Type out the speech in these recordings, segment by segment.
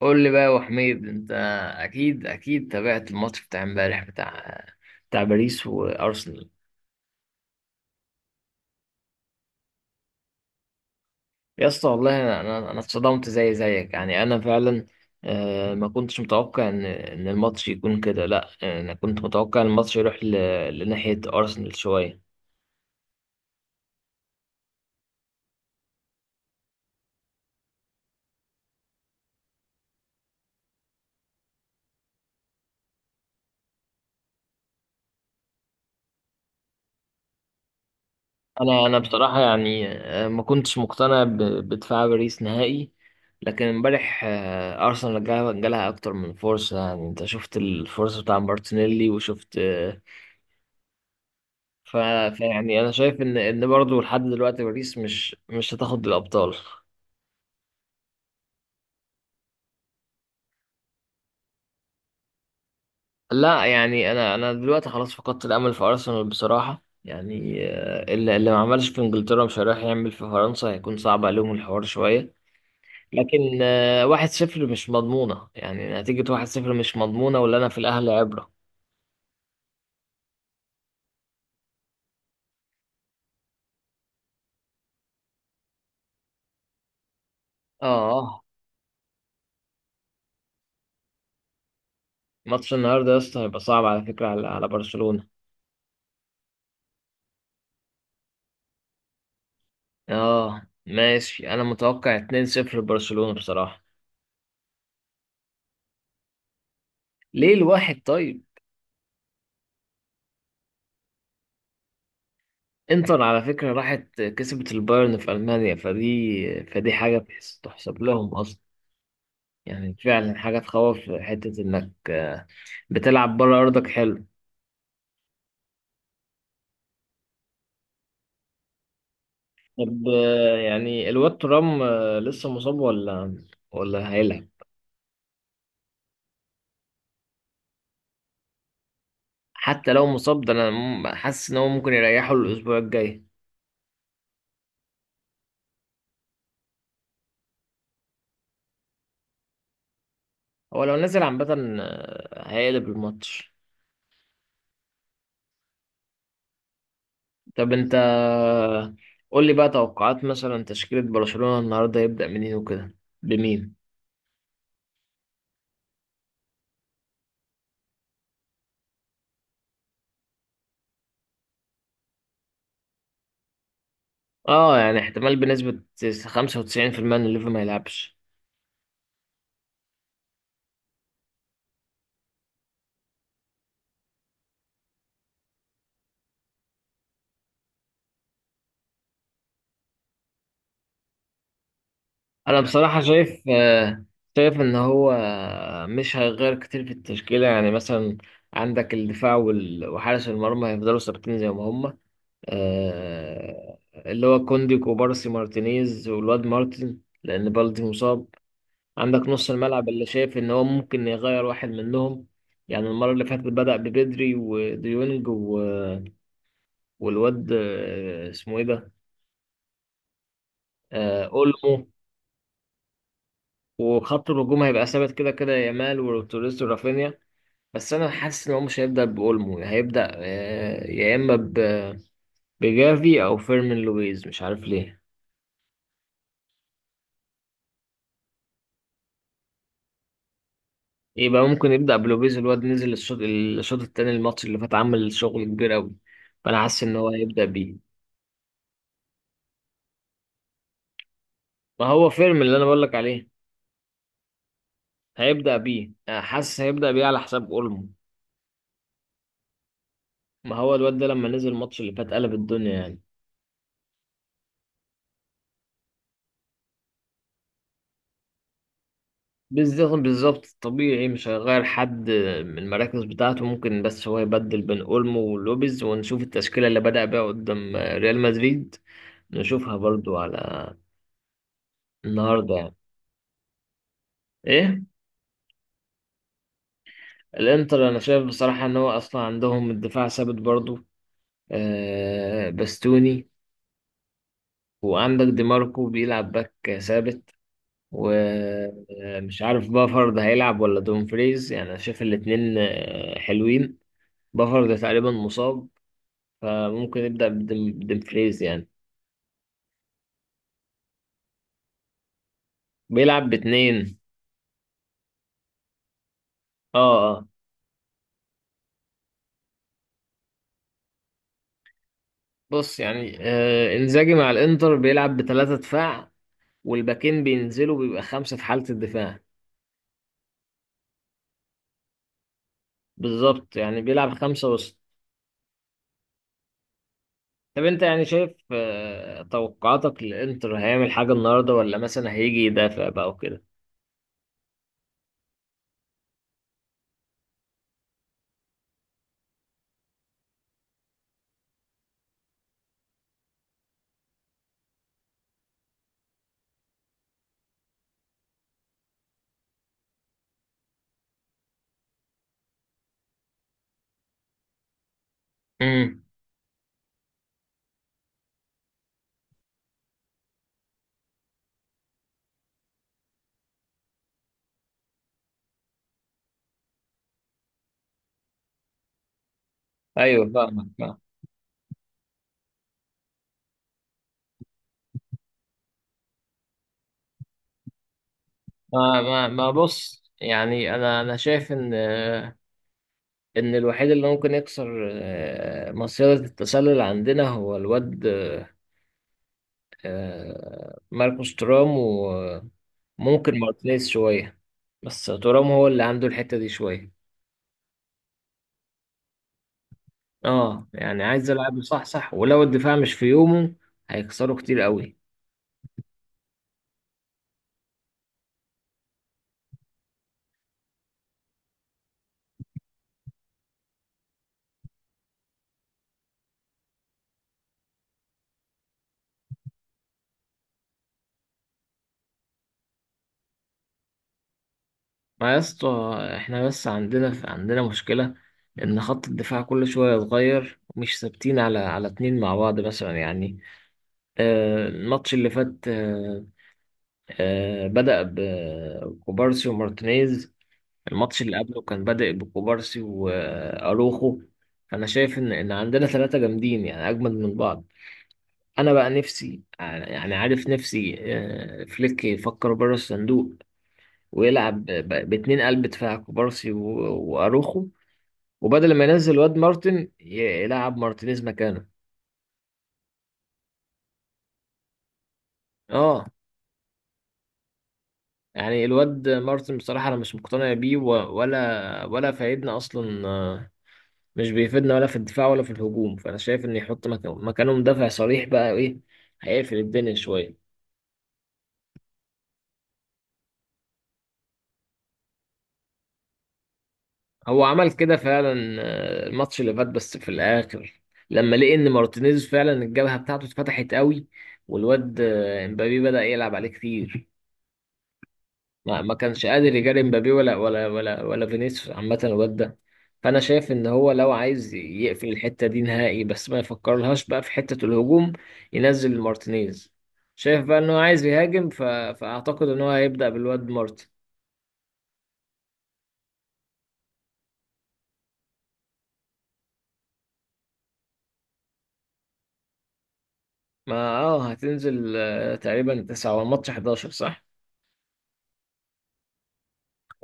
قول لي بقى يا أبو حميد انت اكيد اكيد تابعت الماتش بتاع امبارح بتاع باريس وارسنال. يا اسطى والله انا انا أنا اتصدمت زي زيك، يعني انا فعلا، ما كنتش متوقع ان الماتش يكون كده. لا انا كنت متوقع إن الماتش يروح لناحية ارسنال شوية. انا بصراحة يعني، ما كنتش مقتنع بدفاع باريس نهائي. لكن امبارح، ارسنال جالها اكتر من فرصة. يعني انت شفت الفرصة بتاع مارتينيلي وشفت، ف... فيعني انا شايف ان برضه لحد دلوقتي باريس مش هتاخد الابطال. لا يعني انا دلوقتي خلاص فقدت الامل في ارسنال بصراحه، يعني اللي ما عملش في انجلترا مش هيروح يعمل في فرنسا، هيكون صعب عليهم الحوار شويه. لكن واحد صفر مش مضمونه، يعني نتيجه واحد صفر مش مضمونه، ولا انا في الاهلي عبره. اه، ماتش النهارده يا اسطى هيبقى صعب على فكره، على برشلونه. اه ماشي، انا متوقع 2-0 لبرشلونه بصراحه. ليه الواحد طيب؟ انتر على فكرة راحت كسبت البايرن في ألمانيا، فدي حاجة تحسب لهم أصلا. يعني فعلا حاجة تخوف، حتة إنك بتلعب بره أرضك حلو. طب يعني الواد ترام، لسه مصاب ولا هيلعب؟ حتى لو مصاب، ده أنا حاسس إن هو ممكن يريحه الأسبوع الجاي. هو لو نزل عامة، هيقلب الماتش. طب أنت قول لي بقى توقعات مثلا تشكيلة برشلونة النهاردة. يبدأ منين وكده، بمين؟ اه يعني احتمال بنسبة 95% ان ليفا ما يلعبش. انا بصراحة شايف، شايف ان هو، مش هيغير كتير في التشكيلة. يعني مثلا عندك الدفاع وحارس المرمى هيفضلوا ثابتين زي ما هم، اللي هو كوندي، كوبارسي، مارتينيز، والواد مارتن، لان بالدي مصاب. عندك نص الملعب، اللي شايف ان هو ممكن يغير واحد منهم. يعني المرة اللي فاتت بدأ ببدري وديونج والواد، اسمه ايه ده، اولمو. وخط الهجوم هيبقى ثابت كده كده، يامال وتوريس ورافينيا. بس انا حاسس ان هو مش هيبدا باولمو، هيبدا يا اما بجافي او فيرمين لويز، مش عارف ليه. يبقى ممكن يبدا بلويز. الواد نزل الشوط التاني الماتش اللي فات، عمل شغل كبير قوي، فانا حاسس ان هو هيبدا بيه. ما هو فيرمين اللي انا بقول لك عليه، هيبدا بيه، حاسس هيبدا بيه على حساب اولمو. ما هو الواد ده لما نزل الماتش اللي فات قلب الدنيا يعني. بالظبط، بالظبط. الطبيعي مش هيغير حد من المراكز بتاعته، ممكن بس هو يبدل بين اولمو ولوبيز، ونشوف التشكيلة اللي بدأ بيها قدام ريال مدريد، نشوفها برضو على النهارده يعني. ايه الانتر؟ انا شايف بصراحة ان هو اصلا عندهم الدفاع ثابت برضو، آه باستوني، وعندك دي ماركو بيلعب باك ثابت، ومش عارف بافارد هيلعب ولا دومفريز. يعني انا شايف الاتنين، حلوين. بافارد تقريبا مصاب، فممكن نبدأ بديمفريز يعني. بيلعب باتنين. اه اه. بص يعني آه، انزاجي مع الانتر بيلعب بتلاتة دفاع، والباكين بينزلوا بيبقى خمسة في حالة الدفاع. بالظبط، يعني بيلعب خمسة وسط. طب انت يعني شايف آه، توقعاتك للانتر هيعمل حاجة النهاردة، ولا مثلا هيجي يدافع بقى وكده؟ امم، ايوه فاهمك، فاهم. ما ما ما بص يعني، انا شايف ان، ان الوحيد اللي ممكن يكسر، مصيدة التسلل عندنا هو الواد، ماركوس تورام، وممكن مارتينيز شوية. بس تورام هو اللي عنده الحتة دي شوية. اه يعني عايز يلعب صح صح، ولو الدفاع مش في يومه هيكسروا كتير قوي. ما يا اسطى، احنا بس عندنا مشكلة ان خط الدفاع كل شوية يتغير، ومش ثابتين على اتنين مع بعض مثلا يعني. الماتش اللي فات، بدأ بكوبارسي ومارتينيز، الماتش اللي قبله كان بادئ بكوبارسي وأروخو. أنا شايف إن عندنا ثلاثة جامدين يعني، أجمد من بعض. أنا بقى نفسي يعني، عارف نفسي، فليك يفكر بره الصندوق ويلعب باتنين قلب دفاع، كوبارسي وأروخو. وبدل ما ينزل واد مارتن، يلعب مارتينيز مكانه. اه يعني الواد مارتن بصراحة أنا مش مقتنع بيه، ولا فايدنا أصلا. مش بيفيدنا ولا في الدفاع ولا في الهجوم، فانا شايف ان يحط مكانه مدافع صريح بقى. ايه، هيقفل الدنيا شويه. هو عمل كده فعلا، الماتش اللي فات بس في الاخر، لما لقي ان مارتينيز فعلا الجبهه بتاعته اتفتحت قوي، والواد، امبابي بدأ يلعب عليه كتير. ما ما كانش قادر يجاري مبابي ولا فينيسيوس عامة الواد ده. فأنا شايف إن هو لو عايز يقفل الحتة دي نهائي، بس ما يفكرلهاش بقى في حتة الهجوم، ينزل مارتينيز. شايف بقى إن هو عايز يهاجم فأعتقد إن هو هيبدأ بالواد مارتن. ما اه، هتنزل تقريبا تسعة، والماتش 11 صح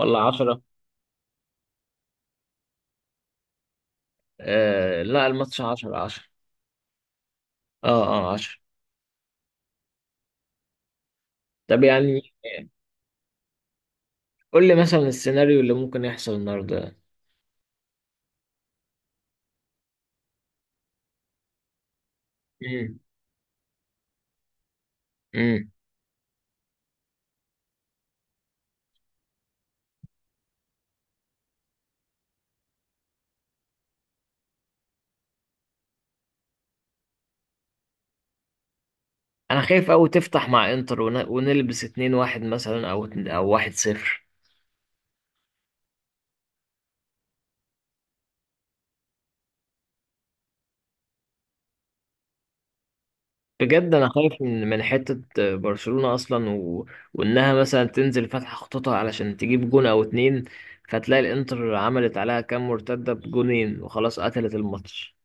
ولا 10؟ آه لا، الماتش 10. اه اه، 10. طب يعني قول لي مثلا السيناريو اللي ممكن يحصل النهارده. امم. انا خايف اوي تفتح مع انتر ونلبس 2-1 مثلا، او 1-0. بجد انا خايف من حتة برشلونة اصلا وانها مثلا تنزل فاتحة خطوطها علشان تجيب جون او اتنين، فتلاقي الانتر عملت عليها كام مرتدة بجونين، وخلاص قتلت الماتش.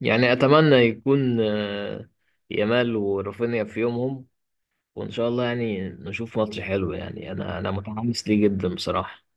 يعني اتمنى يكون، يامال ورافينيا في يومهم، وان شاء الله يعني نشوف ماتش حلو. يعني انا متحمس ليه جدا بصراحة.